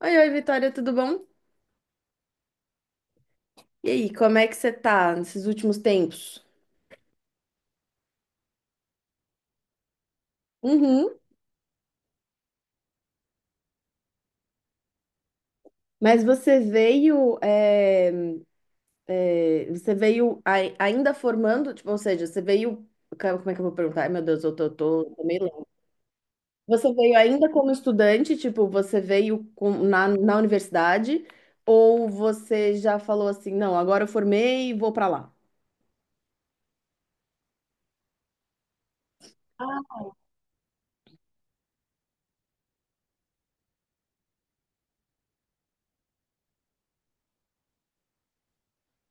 Oi, oi, Vitória, tudo bom? E aí, como é que você tá nesses últimos tempos? Uhum. Mas você veio, você veio ainda formando, tipo, ou seja, você veio, cara, como é que eu vou perguntar? Ai, meu Deus, eu tô meio louca. Você veio ainda como estudante, tipo, você veio na universidade, ou você já falou assim, não, agora eu formei e vou pra lá?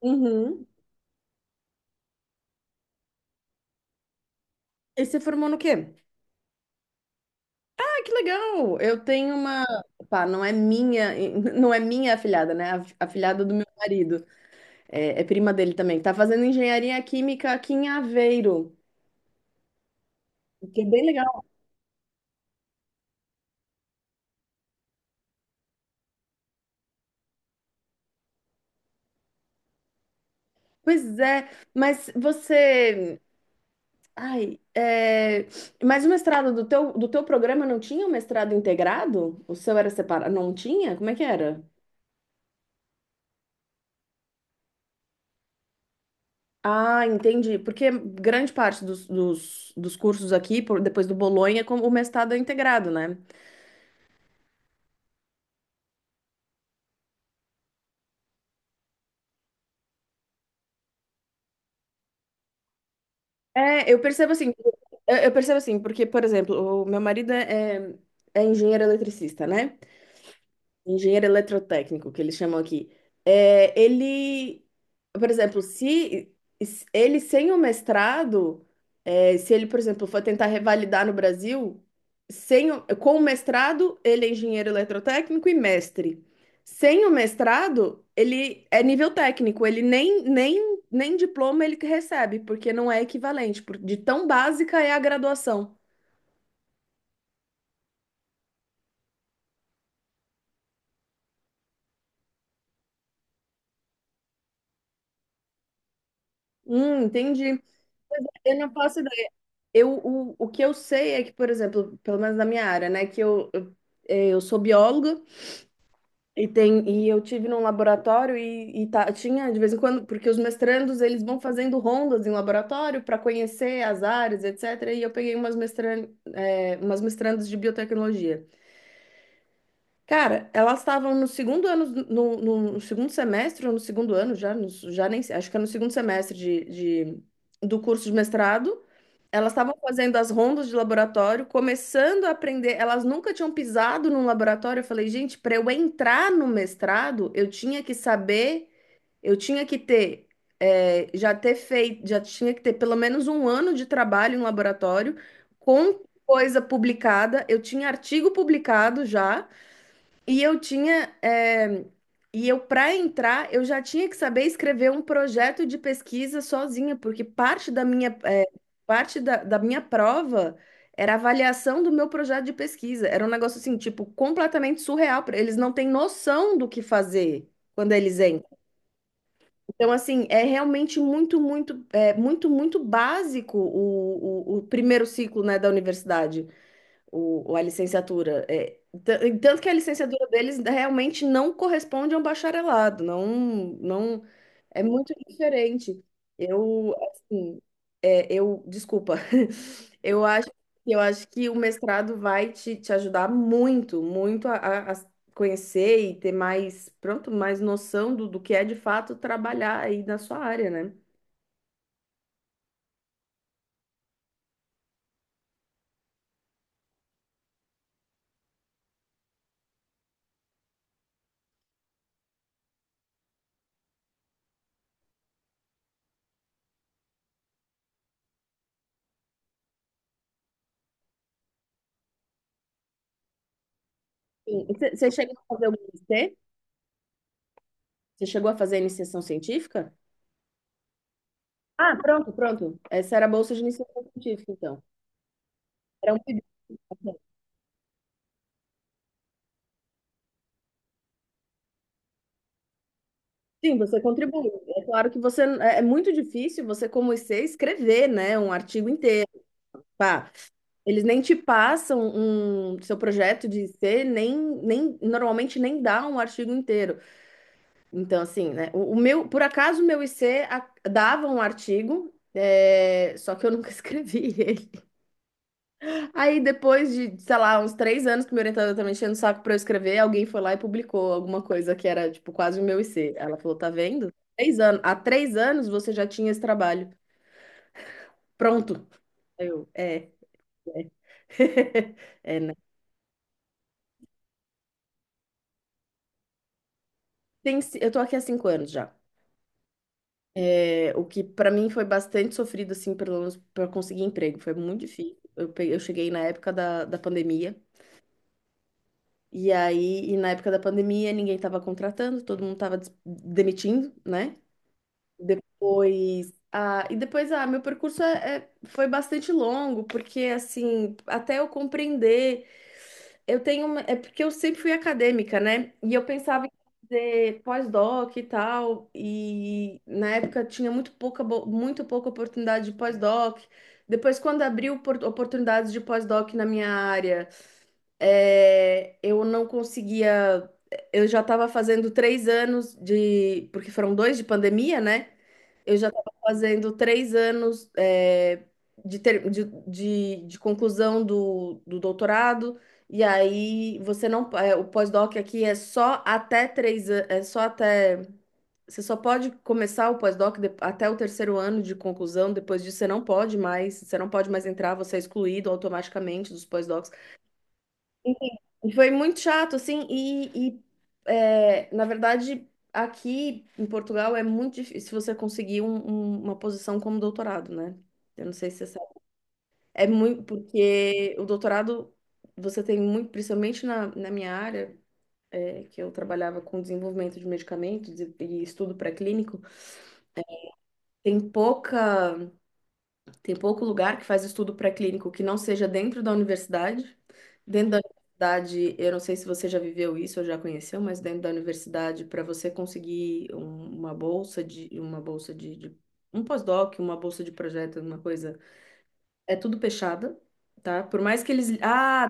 Uhum. E você formou no quê? Ah, que legal! Eu tenho uma, pá, não é minha, não é minha afilhada, né? A afilhada do meu marido, é prima dele também, que tá fazendo engenharia química aqui em Aveiro, o que é bem legal. Pois é, mas você, ai, é, mas o mestrado do teu programa não tinha um mestrado integrado? O seu era separado? Não tinha? Como é que era? Ah, entendi. Porque grande parte dos cursos aqui, depois do Bolonha, como o mestrado é integrado, né? É, eu percebo assim, eu percebo assim, porque, por exemplo, o meu marido é engenheiro eletricista, né? Engenheiro eletrotécnico, que eles chamam aqui. É, ele, por exemplo, se ele sem o mestrado, é, se ele, por exemplo, for tentar revalidar no Brasil, sem o- com o mestrado, ele é engenheiro eletrotécnico e mestre. Sem o mestrado, ele é nível técnico, ele nem diploma ele que recebe, porque não é equivalente, de tão básica é a graduação. Entendi. Eu não faço. O que eu sei é que, por exemplo, pelo menos na minha área, né, que eu sou bióloga e, e eu tive num laboratório e tá, tinha de vez em quando, porque os mestrandos eles vão fazendo rondas em laboratório para conhecer as áreas, etc. E eu peguei umas, umas mestrandas de biotecnologia. Cara, elas estavam no segundo ano, no segundo semestre, ou no segundo ano já, já nem sei, acho que é no segundo semestre de, do curso de mestrado. Elas estavam fazendo as rondas de laboratório, começando a aprender. Elas nunca tinham pisado num laboratório. Eu falei, gente, para eu entrar no mestrado, eu tinha que saber, eu tinha que ter, já ter feito, já tinha que ter pelo menos um ano de trabalho em laboratório, com coisa publicada. Eu tinha artigo publicado já. E eu tinha, e eu para entrar, eu já tinha que saber escrever um projeto de pesquisa sozinha, porque parte da minha, parte da minha prova era a avaliação do meu projeto de pesquisa. Era um negócio assim, tipo, completamente surreal. Eles não têm noção do que fazer quando eles entram. Então, assim, é realmente muito, muito, muito, muito básico o primeiro ciclo, né, da universidade, a licenciatura. É, e tanto que a licenciatura deles realmente não corresponde a um bacharelado, não, não é muito diferente. Eu, assim, é, eu, desculpa, eu acho, eu acho que o mestrado vai te, te ajudar muito, muito a, a conhecer e ter mais, pronto, mais noção do que é de fato trabalhar aí na sua área, né? Sim. Você chegou a fazer o MSc? Você chegou a fazer a iniciação científica? Ah, pronto, pronto. Essa era a bolsa de iniciação científica, então. Era um pedido. Sim, você contribui. É claro que você é muito difícil você como IC escrever, né, um artigo inteiro. Pá, eles nem te passam um seu projeto de IC, nem normalmente nem dá um artigo inteiro. Então, assim, né, o meu, por acaso o meu IC dava um artigo, é, só que eu nunca escrevi ele. Aí depois de, sei lá, uns três anos que meu orientador tá enchendo o saco pra eu escrever, alguém foi lá e publicou alguma coisa que era, tipo, quase o meu IC. Ela falou, tá vendo? Três anos. Há três anos você já tinha esse trabalho. Pronto. Aí eu, é. É, é, né? Eu tô aqui há cinco anos já. É, o que pra mim foi bastante sofrido, assim, pelo menos pra conseguir emprego. Foi muito difícil. Eu, eu cheguei na época da pandemia. E aí, e na época da pandemia, ninguém tava contratando, todo mundo tava demitindo, né? Depois, ah, e depois, ah, meu percurso é, foi bastante longo, porque, assim, até eu compreender, eu tenho uma, é porque eu sempre fui acadêmica, né? E eu pensava em fazer pós-doc e tal, e na época tinha muito pouca, muito pouca oportunidade de pós-doc. Depois, quando abriu oportunidades de pós-doc na minha área, é, eu não conseguia. Eu já estava fazendo três anos de. Porque foram dois de pandemia, né? Eu já estava fazendo três anos é, de, de conclusão do doutorado. E aí você não. É, o pós-doc aqui é só até três anos. É só até. Você só pode começar o pós-doc até o terceiro ano de conclusão. Depois disso, você não pode mais. Você não pode mais entrar, você é excluído automaticamente dos pós-docs. E foi muito chato, assim, é, na verdade, aqui em Portugal é muito difícil você conseguir uma posição como doutorado, né? Eu não sei se você sabe. É muito, porque o doutorado, você tem muito, principalmente na minha área, é, que eu trabalhava com desenvolvimento de medicamentos e estudo pré-clínico, tem pouca. Tem pouco lugar que faz estudo pré-clínico que não seja dentro da universidade. Dentro da universidade, eu não sei se você já viveu isso ou já conheceu, mas dentro da universidade, para você conseguir uma bolsa de um pós-doc, uma bolsa de projeto, uma coisa, é tudo pechada, tá? Por mais que eles, ah,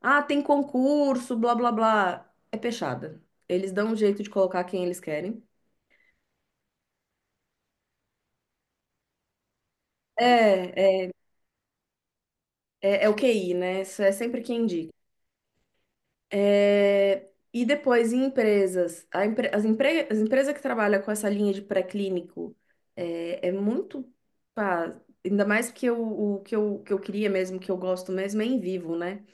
ah, tem concurso, blá blá blá, é pechada. Eles dão um jeito de colocar quem eles querem. É, é, É o QI, né? Isso é sempre quem indica. É, e depois em empresas, a empre- as empresas que trabalham com essa linha de pré-clínico é muito, pá, ainda mais que eu, que eu queria mesmo, que eu gosto mesmo é em vivo, né?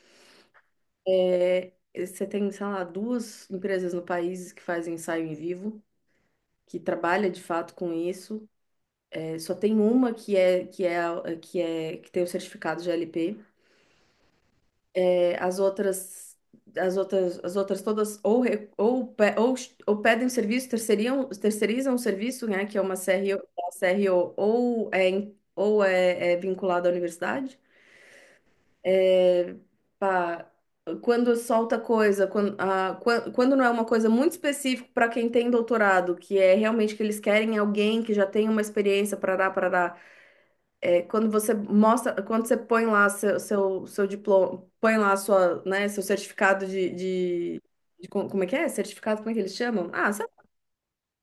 É, você tem, sei lá, duas empresas no país que fazem ensaio em vivo, que trabalha de fato com isso. É, só tem uma que é a- que é que tem o certificado de GLP. As outras, As outras todas ou, ou pedem serviço, terceirizam o serviço, né, que é uma CRO, uma CRO ou é vinculado à universidade. Pá, quando solta coisa, quando, ah, quando não é uma coisa muito específica para quem tem doutorado, que é realmente que eles querem alguém que já tenha uma experiência, parará, parará, é, quando você mostra, quando você põe lá seu diploma, põe lá sua, né, seu certificado de como é que é? Certificado, como é que eles chamam? Ah, sabe?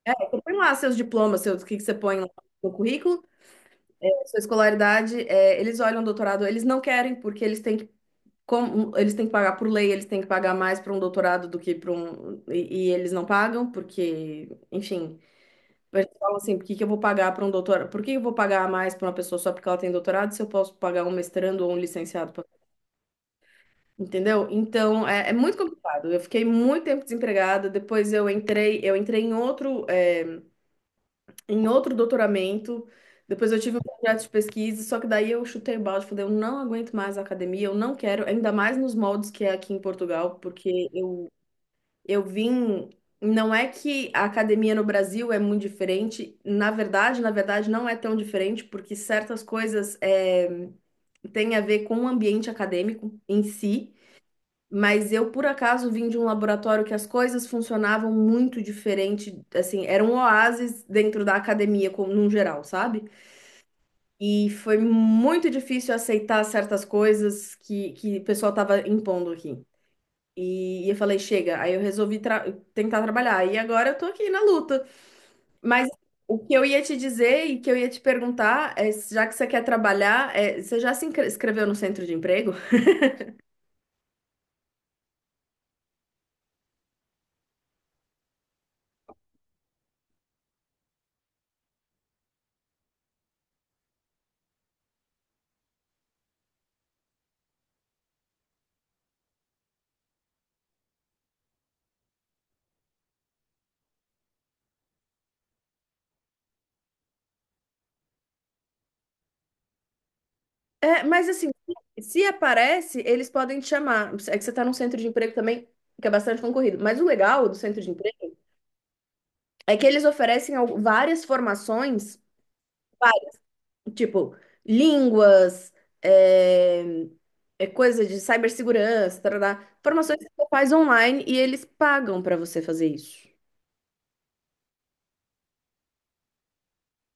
É, você põe lá seus diplomas, seus, o que que você põe lá no currículo, sua escolaridade, é, eles olham o doutorado, eles não querem, porque eles têm que, como, eles têm que pagar por lei, eles têm que pagar mais para um doutorado do que para um, e eles não pagam, porque, enfim. Eles falam assim, por que que eu vou pagar para um doutorado? Por que eu vou pagar a mais para uma pessoa só porque ela tem doutorado se eu posso pagar um mestrando ou um licenciado? Entendeu? Então, é muito complicado. Eu fiquei muito tempo desempregada, depois eu entrei em outro, é, em outro doutoramento, depois eu tive um projeto de pesquisa, só que daí eu chutei o balde, falei, eu não aguento mais a academia, eu não quero, ainda mais nos moldes que é aqui em Portugal, porque eu. Eu vim. Não é que a academia no Brasil é muito diferente. Na verdade, não é tão diferente, porque certas coisas é, têm a ver com o ambiente acadêmico em si. Mas eu, por acaso, vim de um laboratório que as coisas funcionavam muito diferente. Assim, era um oásis dentro da academia, como num geral, sabe? E foi muito difícil aceitar certas coisas que o pessoal estava impondo aqui. E eu falei, chega. Aí eu resolvi tentar trabalhar. E agora eu tô aqui na luta. Mas o que eu ia te dizer e que eu ia te perguntar é, já que você quer trabalhar, é, você já se inscre- inscreveu no centro de emprego? É, mas assim, se aparece, eles podem te chamar. É que você tá num centro de emprego também, que é bastante concorrido. Mas o legal do centro de emprego é que eles oferecem várias formações. Tipo, línguas, é, é coisa de cibersegurança, tarará, formações que você faz online e eles pagam para você fazer isso.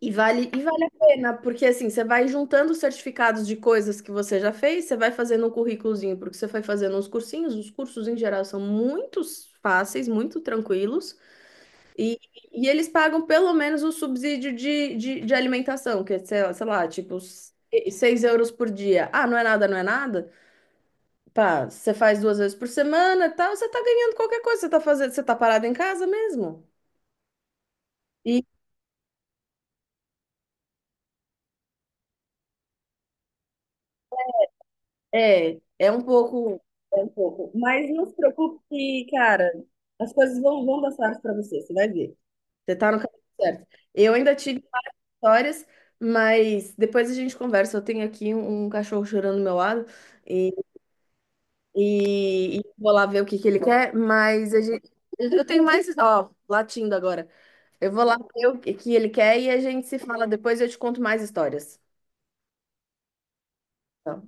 E vale a pena, porque assim, você vai juntando certificados de coisas que você já fez, você vai fazendo um currículozinho, porque você foi fazendo uns cursinhos, os cursos em geral são muito fáceis, muito tranquilos, e, e eles pagam pelo menos o subsídio de alimentação, que é, sei lá, tipo, 6 € por dia. Ah, não é nada, não é nada? Pá, você faz duas vezes por semana, e tal, você tá ganhando qualquer coisa, você tá fazendo, você tá parado em casa mesmo. E é um pouco, mas não se preocupe que, cara, as coisas vão dar certo pra você, você vai ver. Você tá no caminho certo. Eu ainda tive várias histórias, mas depois a gente conversa. Eu tenho aqui um cachorro chorando do meu lado e, e vou lá ver o que que ele quer, mas a gente, eu tenho mais, ó, latindo agora. Eu vou lá ver o que que ele quer e a gente se fala depois e eu te conto mais histórias. Tá.